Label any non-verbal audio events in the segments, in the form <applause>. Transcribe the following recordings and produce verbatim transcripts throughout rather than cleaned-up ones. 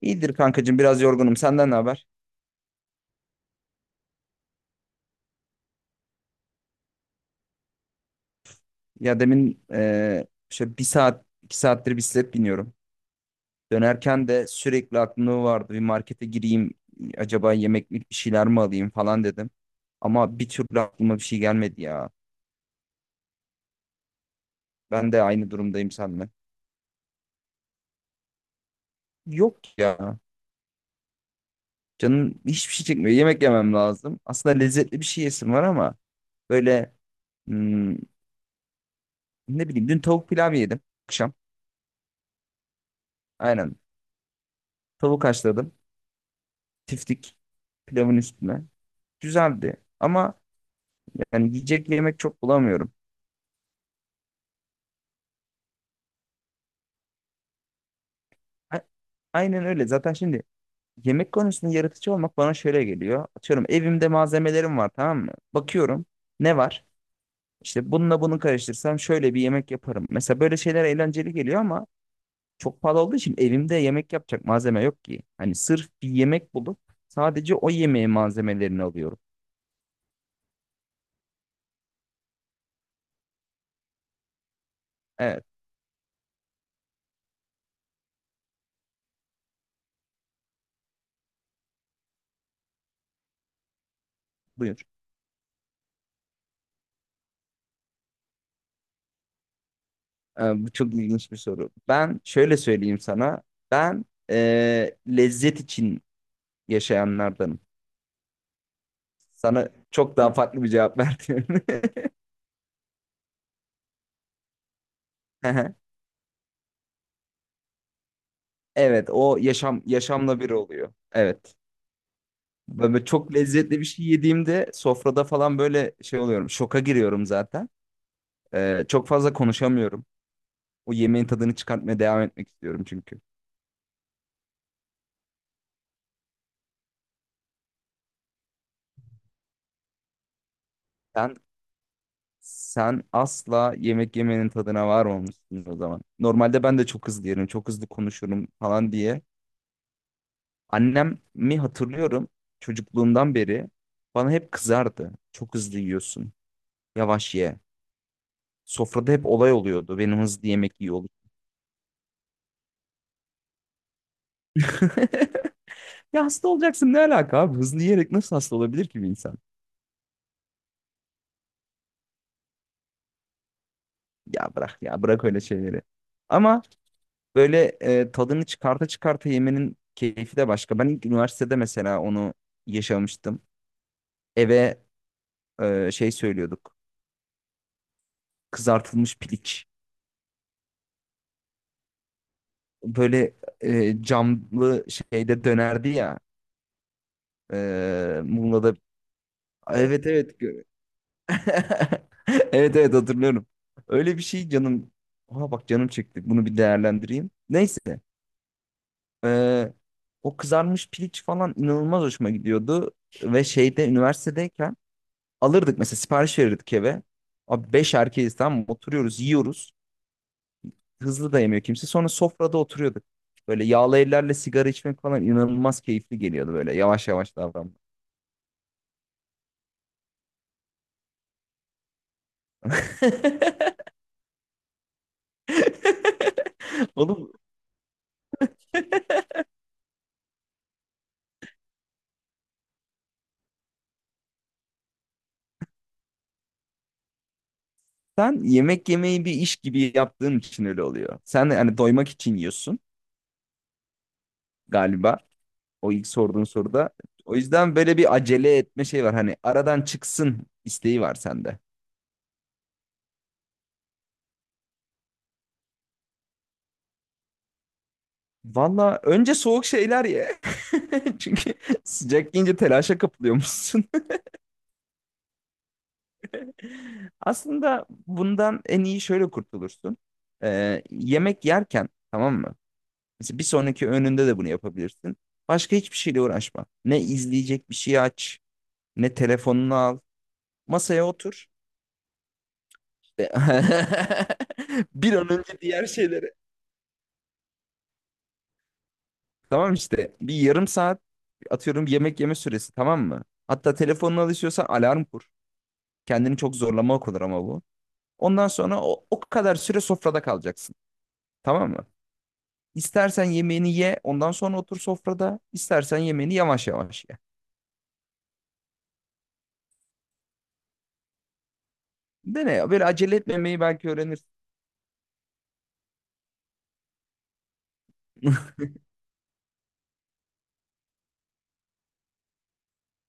İyidir kankacığım, biraz yorgunum. Senden ne haber? Ya demin eee şöyle bir saat iki saattir bisiklet biniyorum. Dönerken de sürekli aklımda vardı bir markete gireyim, acaba yemeklik bir şeyler mi alayım falan dedim. Ama bir türlü aklıma bir şey gelmedi ya. Ben de aynı durumdayım seninle. Yok ya. Canım hiçbir şey çekmiyor. Yemek yemem lazım. Aslında lezzetli bir şey yesim var ama böyle hmm, ne bileyim, dün tavuk pilav yedim akşam. Aynen. Tavuk haşladım. Tiftik pilavın üstüne. Güzeldi ama yani yiyecek yemek çok bulamıyorum. A- Aynen öyle. Zaten şimdi yemek konusunda yaratıcı olmak bana şöyle geliyor. Atıyorum, evimde malzemelerim var, tamam mı? Bakıyorum ne var? İşte bununla bunu karıştırsam şöyle bir yemek yaparım. Mesela böyle şeyler eğlenceli geliyor ama çok pahalı olduğu için evimde yemek yapacak malzeme yok ki. Hani sırf bir yemek bulup sadece o yemeğin malzemelerini alıyorum. Evet, buyur. Ee, bu çok ilginç bir soru. Ben şöyle söyleyeyim sana. Ben e, lezzet için yaşayanlardanım. Sana çok daha farklı bir cevap verdim. <laughs> Evet, o yaşam yaşamla bir oluyor. Evet. Böyle çok lezzetli bir şey yediğimde sofrada falan böyle şey oluyorum. Şoka giriyorum zaten. Ee, çok fazla konuşamıyorum. O yemeğin tadını çıkartmaya devam etmek istiyorum çünkü. Sen sen asla yemek yemenin tadına varmamışsın o zaman. Normalde ben de çok hızlı yerim, çok hızlı konuşurum falan diye. Annemi hatırlıyorum, çocukluğumdan beri bana hep kızardı. Çok hızlı yiyorsun. Yavaş ye. Sofrada hep olay oluyordu. Benim hızlı yemek iyi olur. <laughs> Ya hasta olacaksın, ne alaka abi? Hızlı yiyerek nasıl hasta olabilir ki bir insan? Ya bırak ya bırak öyle şeyleri. Ama böyle e, tadını çıkarta çıkarta yemenin keyfi de başka. Ben ilk üniversitede mesela onu yaşamıştım. Eve e, şey söylüyorduk. Kızartılmış piliç. Böyle e, camlı şeyde dönerdi ya. Ee, Muğla'da. Evet evet. gö- <laughs> Evet evet, hatırlıyorum. Öyle bir şey canım. Aha bak, canım çekti. Bunu bir değerlendireyim. Neyse. ee, O kızarmış piliç falan inanılmaz hoşuma gidiyordu. Ve şeyde, üniversitedeyken alırdık mesela, sipariş verirdik eve. Abi beş erkeğiz, tamam mı? Oturuyoruz, yiyoruz. Hızlı da yemiyor kimse. Sonra sofrada oturuyorduk. Böyle yağlı ellerle sigara içmek falan inanılmaz keyifli geliyordu böyle. Yavaş yavaş davranmak. <laughs> Oğlum, sen yemek yemeyi bir iş gibi yaptığın için öyle oluyor. Sen hani doymak için yiyorsun galiba. O ilk sorduğun soruda. O yüzden böyle bir acele etme şey var. Hani aradan çıksın isteği var sende. Valla önce soğuk şeyler ye. <laughs> Çünkü sıcak yiyince telaşa kapılıyormuşsun. <laughs> Aslında bundan en iyi şöyle kurtulursun. Ee, yemek yerken, tamam mı? Mesela bir sonraki öğününde de bunu yapabilirsin. Başka hiçbir şeyle uğraşma. Ne izleyecek bir şey aç. Ne telefonunu al. Masaya otur. İşte <laughs> bir an önce diğer şeyleri. Tamam işte, bir yarım saat atıyorum yemek yeme süresi, tamam mı? Hatta telefonunu alışıyorsan alarm kur. Kendini çok zorlamak olur ama bu. Ondan sonra o, o kadar süre sofrada kalacaksın. Tamam mı? İstersen yemeğini ye, ondan sonra otur sofrada. İstersen yemeğini yavaş yavaş ye. Değil mi ya? Böyle acele etmemeyi belki öğrenirsin. <laughs>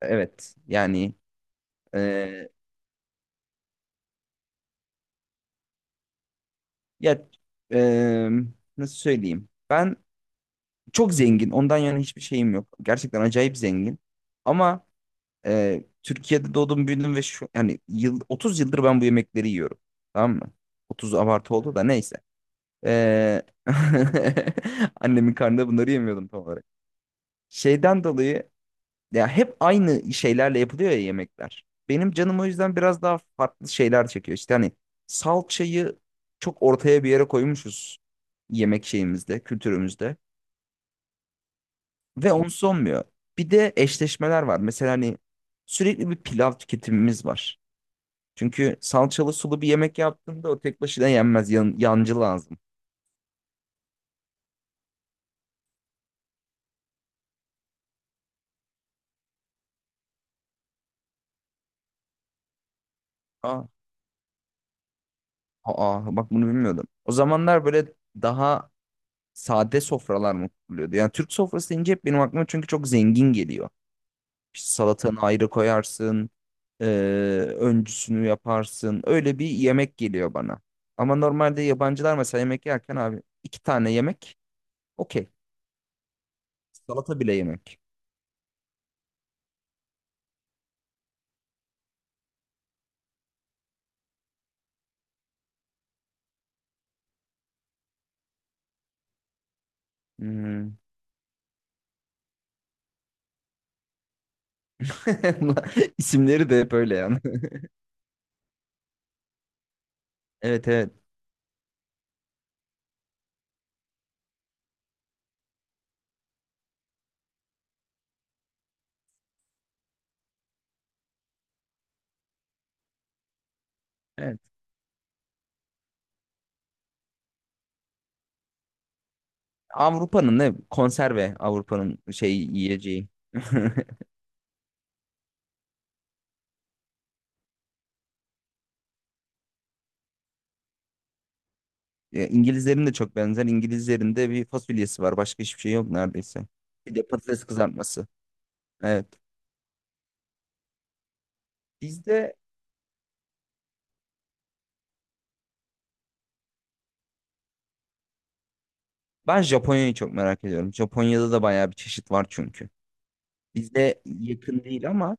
Evet. Yani eee, ya eee, nasıl söyleyeyim? Ben çok zengin. Ondan yana hiçbir şeyim yok. Gerçekten acayip zengin. Ama e, Türkiye'de doğdum, büyüdüm ve şu yani yıl otuz yıldır ben bu yemekleri yiyorum. Tamam mı? otuz abartı oldu da neyse. E, <laughs> Annemin karnında bunları yemiyordum tam olarak. Şeyden dolayı ya hep aynı şeylerle yapılıyor ya yemekler. Benim canım o yüzden biraz daha farklı şeyler çekiyor. İşte hani salçayı çok ortaya bir yere koymuşuz yemek şeyimizde, kültürümüzde. Ve onsuz olmuyor. Bir de eşleşmeler var. Mesela hani sürekli bir pilav tüketimimiz var. Çünkü salçalı sulu bir yemek yaptığında o tek başına yenmez. Yan, yancı lazım. Aa, aa, bak bunu bilmiyordum. O zamanlar böyle daha sade sofralar mı kuruluyordu? Yani Türk sofrası deyince hep benim aklıma çünkü çok zengin geliyor. İşte salatanı ayrı koyarsın. e, Öncüsünü yaparsın. Öyle bir yemek geliyor bana. Ama normalde yabancılar mesela yemek yerken abi iki tane yemek okey. Salata bile yemek. Hmm. <laughs> Bunlar- İsimleri de hep öyle yani. <laughs> Evet evet. Evet. Avrupa'nın ne? Konserve Avrupa'nın şey yiyeceği. <laughs> Ya, İngilizlerin de çok benzer. İngilizlerin de bir fasulyesi var. Başka hiçbir şey yok neredeyse. Bir de patates kızartması. Evet. Bizde Ben Japonya'yı çok merak ediyorum. Japonya'da da bayağı bir çeşit var çünkü. Bizde yakın değil ama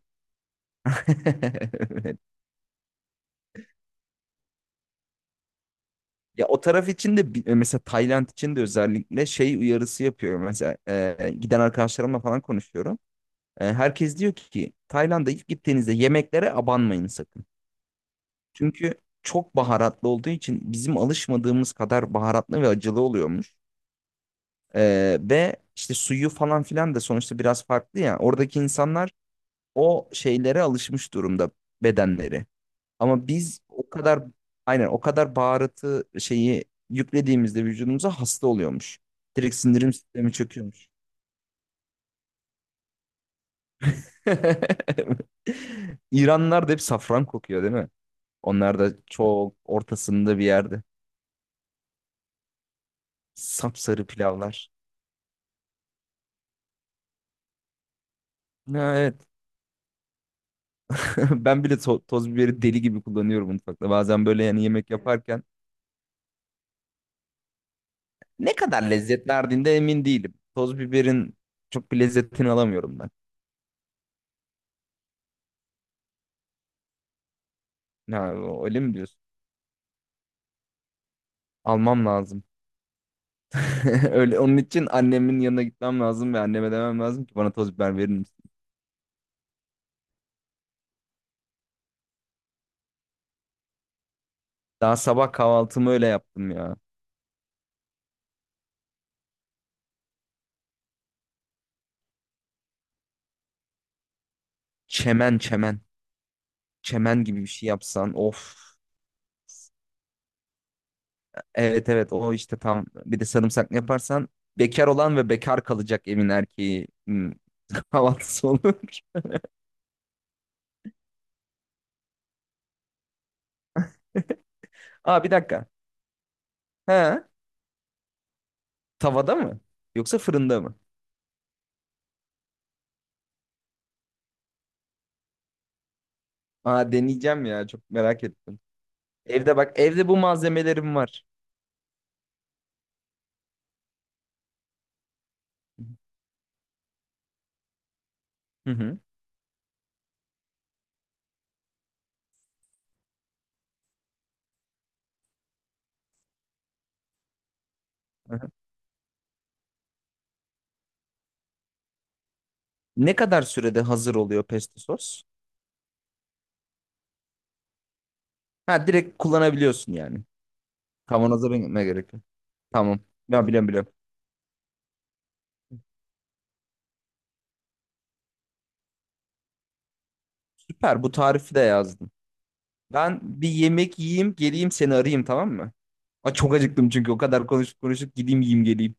<laughs> ya o taraf için de bi- e, mesela Tayland için de özellikle şey uyarısı yapıyorum. Mesela e, giden arkadaşlarımla falan konuşuyorum. E, herkes diyor ki Tayland'a ilk gittiğinizde yemeklere abanmayın sakın. Çünkü çok baharatlı olduğu için bizim alışmadığımız kadar baharatlı ve acılı oluyormuş. E, ve işte suyu falan filan da sonuçta biraz farklı ya. Oradaki insanlar o şeylere alışmış durumda bedenleri. Ama biz o kadar, aynen o kadar baharatı şeyi yüklediğimizde vücudumuza hasta oluyormuş. Direkt sindirim sistemi çöküyormuş. <laughs> İranlılar da hep safran kokuyor değil mi? Onlar da çok ortasında bir yerde. Sapsarı pilavlar. Ha, evet. <laughs> Ben bile to- toz biberi deli gibi kullanıyorum mutfakta. Bazen böyle yani yemek yaparken ne kadar lezzet verdiğinde emin değilim. Toz biberin çok bir lezzetini alamıyorum ben. Ha, öyle mi diyorsun? Almam lazım. <laughs> Öyle, onun için annemin yanına gitmem lazım ve anneme demem lazım ki bana toz biber verir misin? Daha sabah kahvaltımı öyle yaptım ya. Çemen çemen. Çemen gibi bir şey yapsan of. Evet evet, o işte tam. Bir de sarımsaklı yaparsan bekar olan ve bekar kalacak evin erkeği hmm, <laughs> kahvaltısı olur. Aa bir dakika. He, tavada mı? Yoksa fırında mı? Aa, deneyeceğim ya, çok merak ettim. Evde bak, evde bu malzemelerim var. Hı hı. Hı hı. Ne kadar sürede hazır oluyor pesto sos? Ha, direkt kullanabiliyorsun yani. Kavanoza binme gerek yok. Tamam. Ya biliyorum biliyorum. Süper, bu tarifi de yazdım. Ben bir yemek yiyeyim, geleyim, seni arayayım, tamam mı? Aa, çok acıktım çünkü o kadar konuşup konuşup gideyim yiyeyim geleyim.